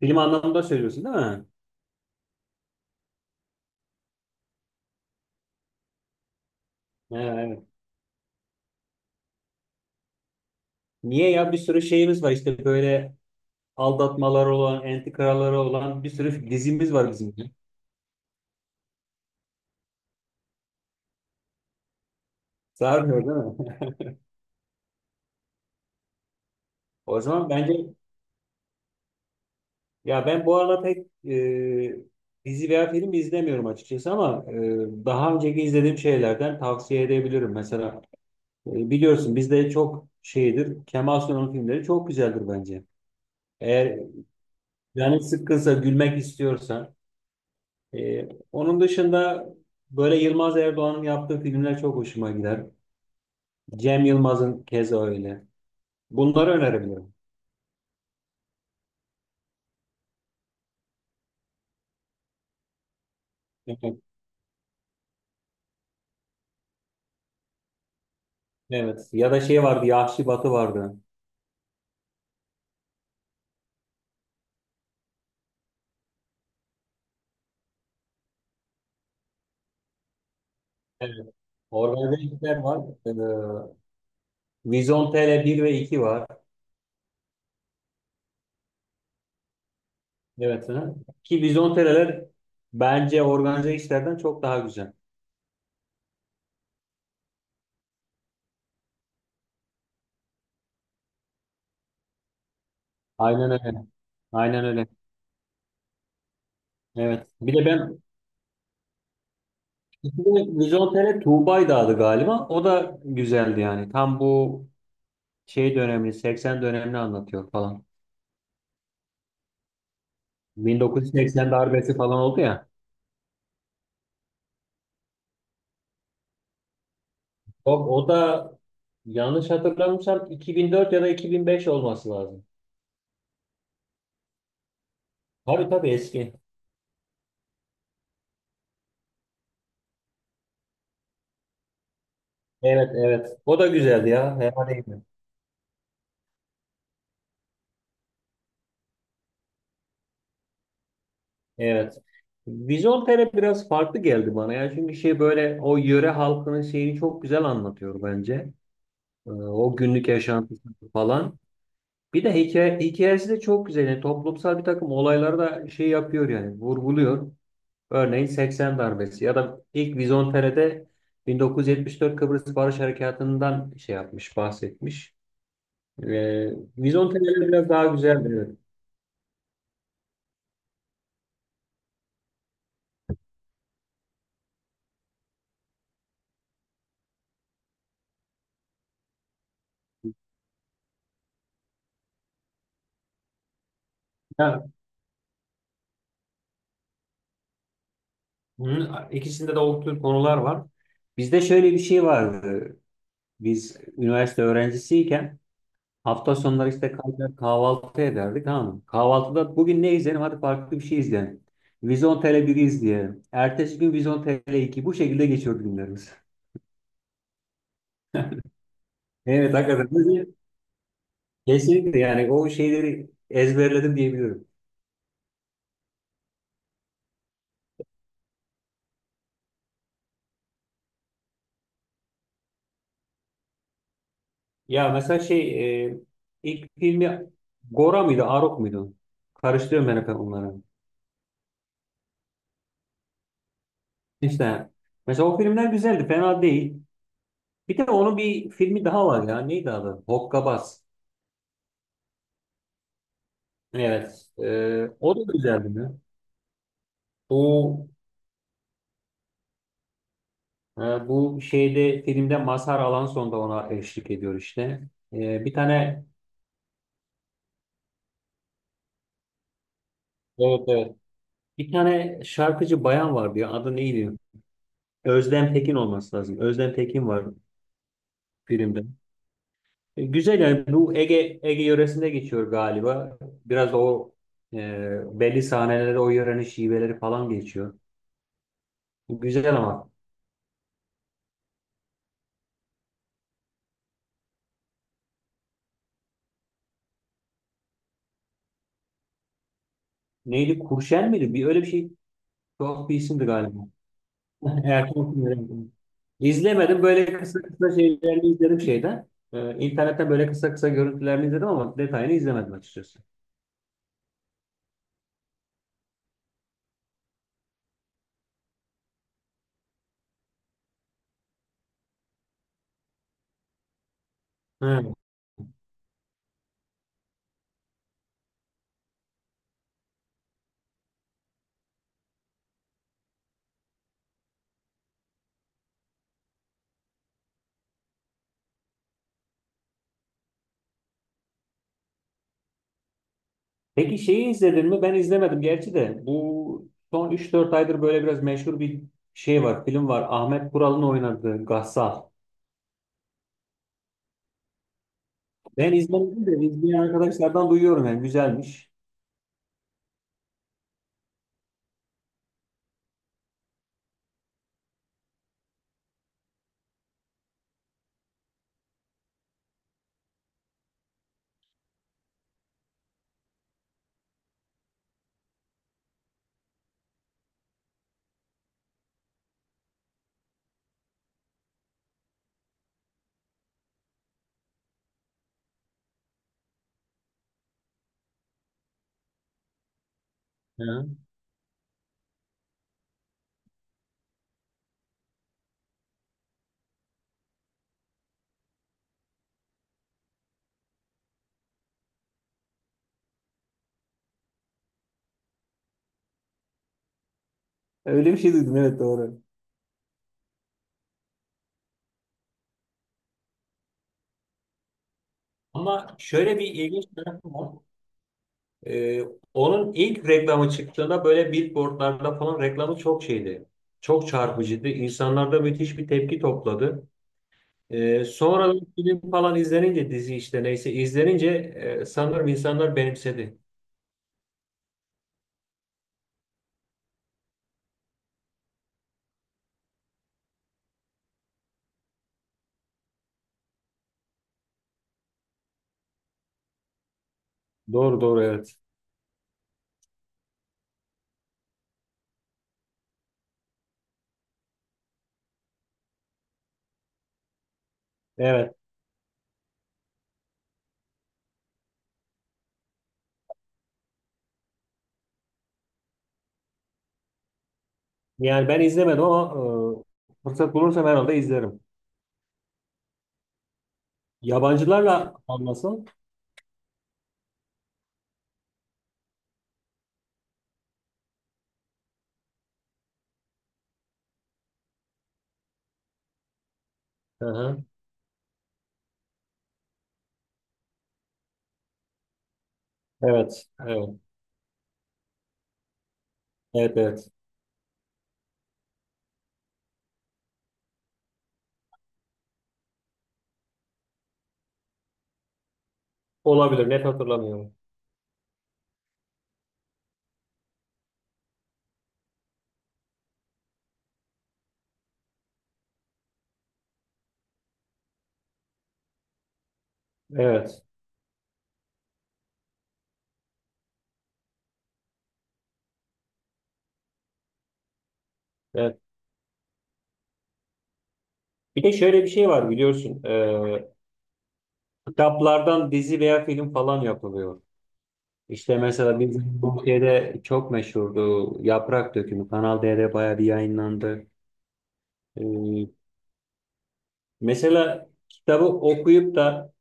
Film anlamında söylüyorsun değil mi? Ha, evet. Niye ya bir sürü şeyimiz var işte böyle aldatmalar olan, entrikalar olan bir sürü dizimiz var bizim. Sarmıyor değil mi? O zaman bence ya ben bu arada pek e, dizi veya film izlemiyorum açıkçası ama daha önceki izlediğim şeylerden tavsiye edebilirim. Mesela biliyorsun bizde çok şeydir Kemal Sunal'ın filmleri çok güzeldir bence. Eğer canın sıkkınsa gülmek istiyorsan onun dışında böyle Yılmaz Erdoğan'ın yaptığı filmler çok hoşuma gider. Cem Yılmaz'ın keza öyle. Bunları önerebilirim. Evet. Evet. Ya da şey vardı, Yahşi Batı vardı. Evet. Organize işler var. Ee, Vizyon bir ve 2 var. Evet. Hı. Ki Vizyon TL'ler bence organize işlerden çok daha güzel. Aynen öyle. Aynen öyle. Evet. Bir de ben Vizyon TL Tuğba'ydı adı galiba. O da güzeldi yani. Tam bu şey dönemini 80 dönemini anlatıyor falan. 1980 darbesi falan oldu ya. O da yanlış hatırlamıyorsam 2004 ya da 2005 olması lazım. Tabii tabii eski. Evet, evet. O da güzeldi ya. Fena değildi. Evet. Vizontele biraz farklı geldi bana ya. Çünkü şey böyle o yöre halkının şeyini çok güzel anlatıyor bence. O günlük yaşantısı falan. Bir de hikayesi de çok güzel. Yani toplumsal bir takım olayları da şey yapıyor yani vurguluyor. Örneğin 80 darbesi ya da ilk Vizontere'de 1974 Kıbrıs Barış Harekatı'ndan şey yapmış, bahsetmiş. Ee, Vizontere'ler biraz daha güzeldir. Evet. Ya, hı, ikisinde de o konular var. Bizde şöyle bir şey vardı. Biz üniversite öğrencisiyken hafta sonları işte kalkar kahvaltı ederdik. Tamam mı? Kahvaltıda bugün ne izleyelim? Hadi farklı bir şey izleyelim. Vizontele 1 izleyelim. Ertesi gün Vizontele 2. Bu şekilde geçiyordu günlerimiz. Evet hakikaten. Kesinlikle yani o şeyleri ezberledim diyebilirim. Ya mesela şey ilk filmi Gora mıydı, Arok muydu? Karıştırıyorum ben hep onları. İşte mesela o filmler güzeldi, fena değil. Bir de onun bir filmi daha var ya. Neydi adı? Hokkabaz. Evet. O da güzeldi ya. Bu e, bu filmde Mazhar Alanson da ona eşlik ediyor işte. E, bir tane Evet, evet. Bir tane şarkıcı bayan vardı ya. Adı neydi? Özlem Tekin olması lazım. Özlem Tekin var filmde. Güzel yani bu Ege yöresinde geçiyor galiba. Biraz o belli sahneleri o yörenin şiveleri falan geçiyor. Güzel ama. Neydi? Kurşen miydi? Bir öyle bir şey. Tuhaf bir isimdi galiba. Erkan Kuneri. İzlemedim. Böyle kısa kısa şeylerini izledim şeyden. İnternetten böyle kısa kısa görüntülerini izledim ama detayını izlemedim açıkçası. Hı. Peki şeyi izledin mi? Ben izlemedim gerçi de. Bu son üç dört aydır böyle biraz meşhur bir şey var, film var. Ahmet Kural'ın oynadığı Gassal. Ben izlemedim de izleyen arkadaşlardan duyuyorum yani güzelmiş. Hı. Öyle bir şey duydum evet doğru. Ama şöyle bir ilginç tarafı var. Ee, Onun ilk reklamı çıktığında böyle billboardlarda falan reklamı çok şeydi. Çok çarpıcıydı. İnsanlarda müthiş bir tepki topladı. Sonra bir film falan izlenince dizi işte neyse izlenince sanırım insanlar benimsedi. Doğru doğru evet. Evet. Yani ben izlemedim ama fırsat bulursam herhalde izlerim. Yabancılarla anlasın. Hı hı. Evet. Evet. Evet. Evet. Olabilir. Net hatırlamıyorum. Evet. Evet. Bir de şöyle bir şey var biliyorsun. Kitaplardan dizi veya film falan yapılıyor. İşte mesela bizim Türkiye'de çok meşhurdu. Yaprak Dökümü. Kanal D'de bayağı bir yayınlandı. Ee, Mesela kitabı okuyup da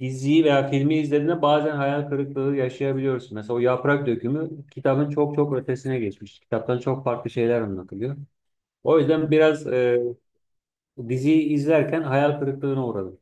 diziyi veya filmi izlediğinde bazen hayal kırıklığı yaşayabiliyorsun. Mesela o Yaprak Dökümü kitabın çok çok ötesine geçmiş. Kitaptan çok farklı şeyler anlatılıyor. O yüzden biraz diziyi izlerken hayal kırıklığına uğradım.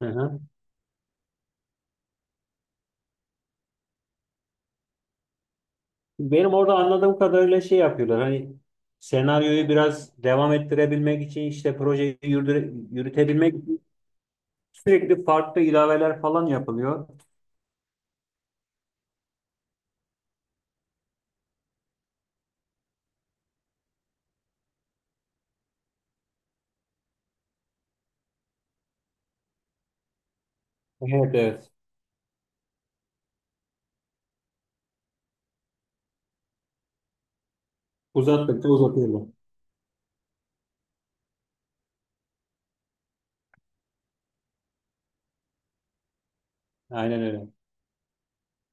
Hı hı. Benim orada anladığım kadarıyla şey yapıyorlar. Hani senaryoyu biraz devam ettirebilmek için işte projeyi yürütebilmek için sürekli farklı ilaveler falan yapılıyor. Evet, evet. Uzattıkça uzatıyorlar. Aynen öyle.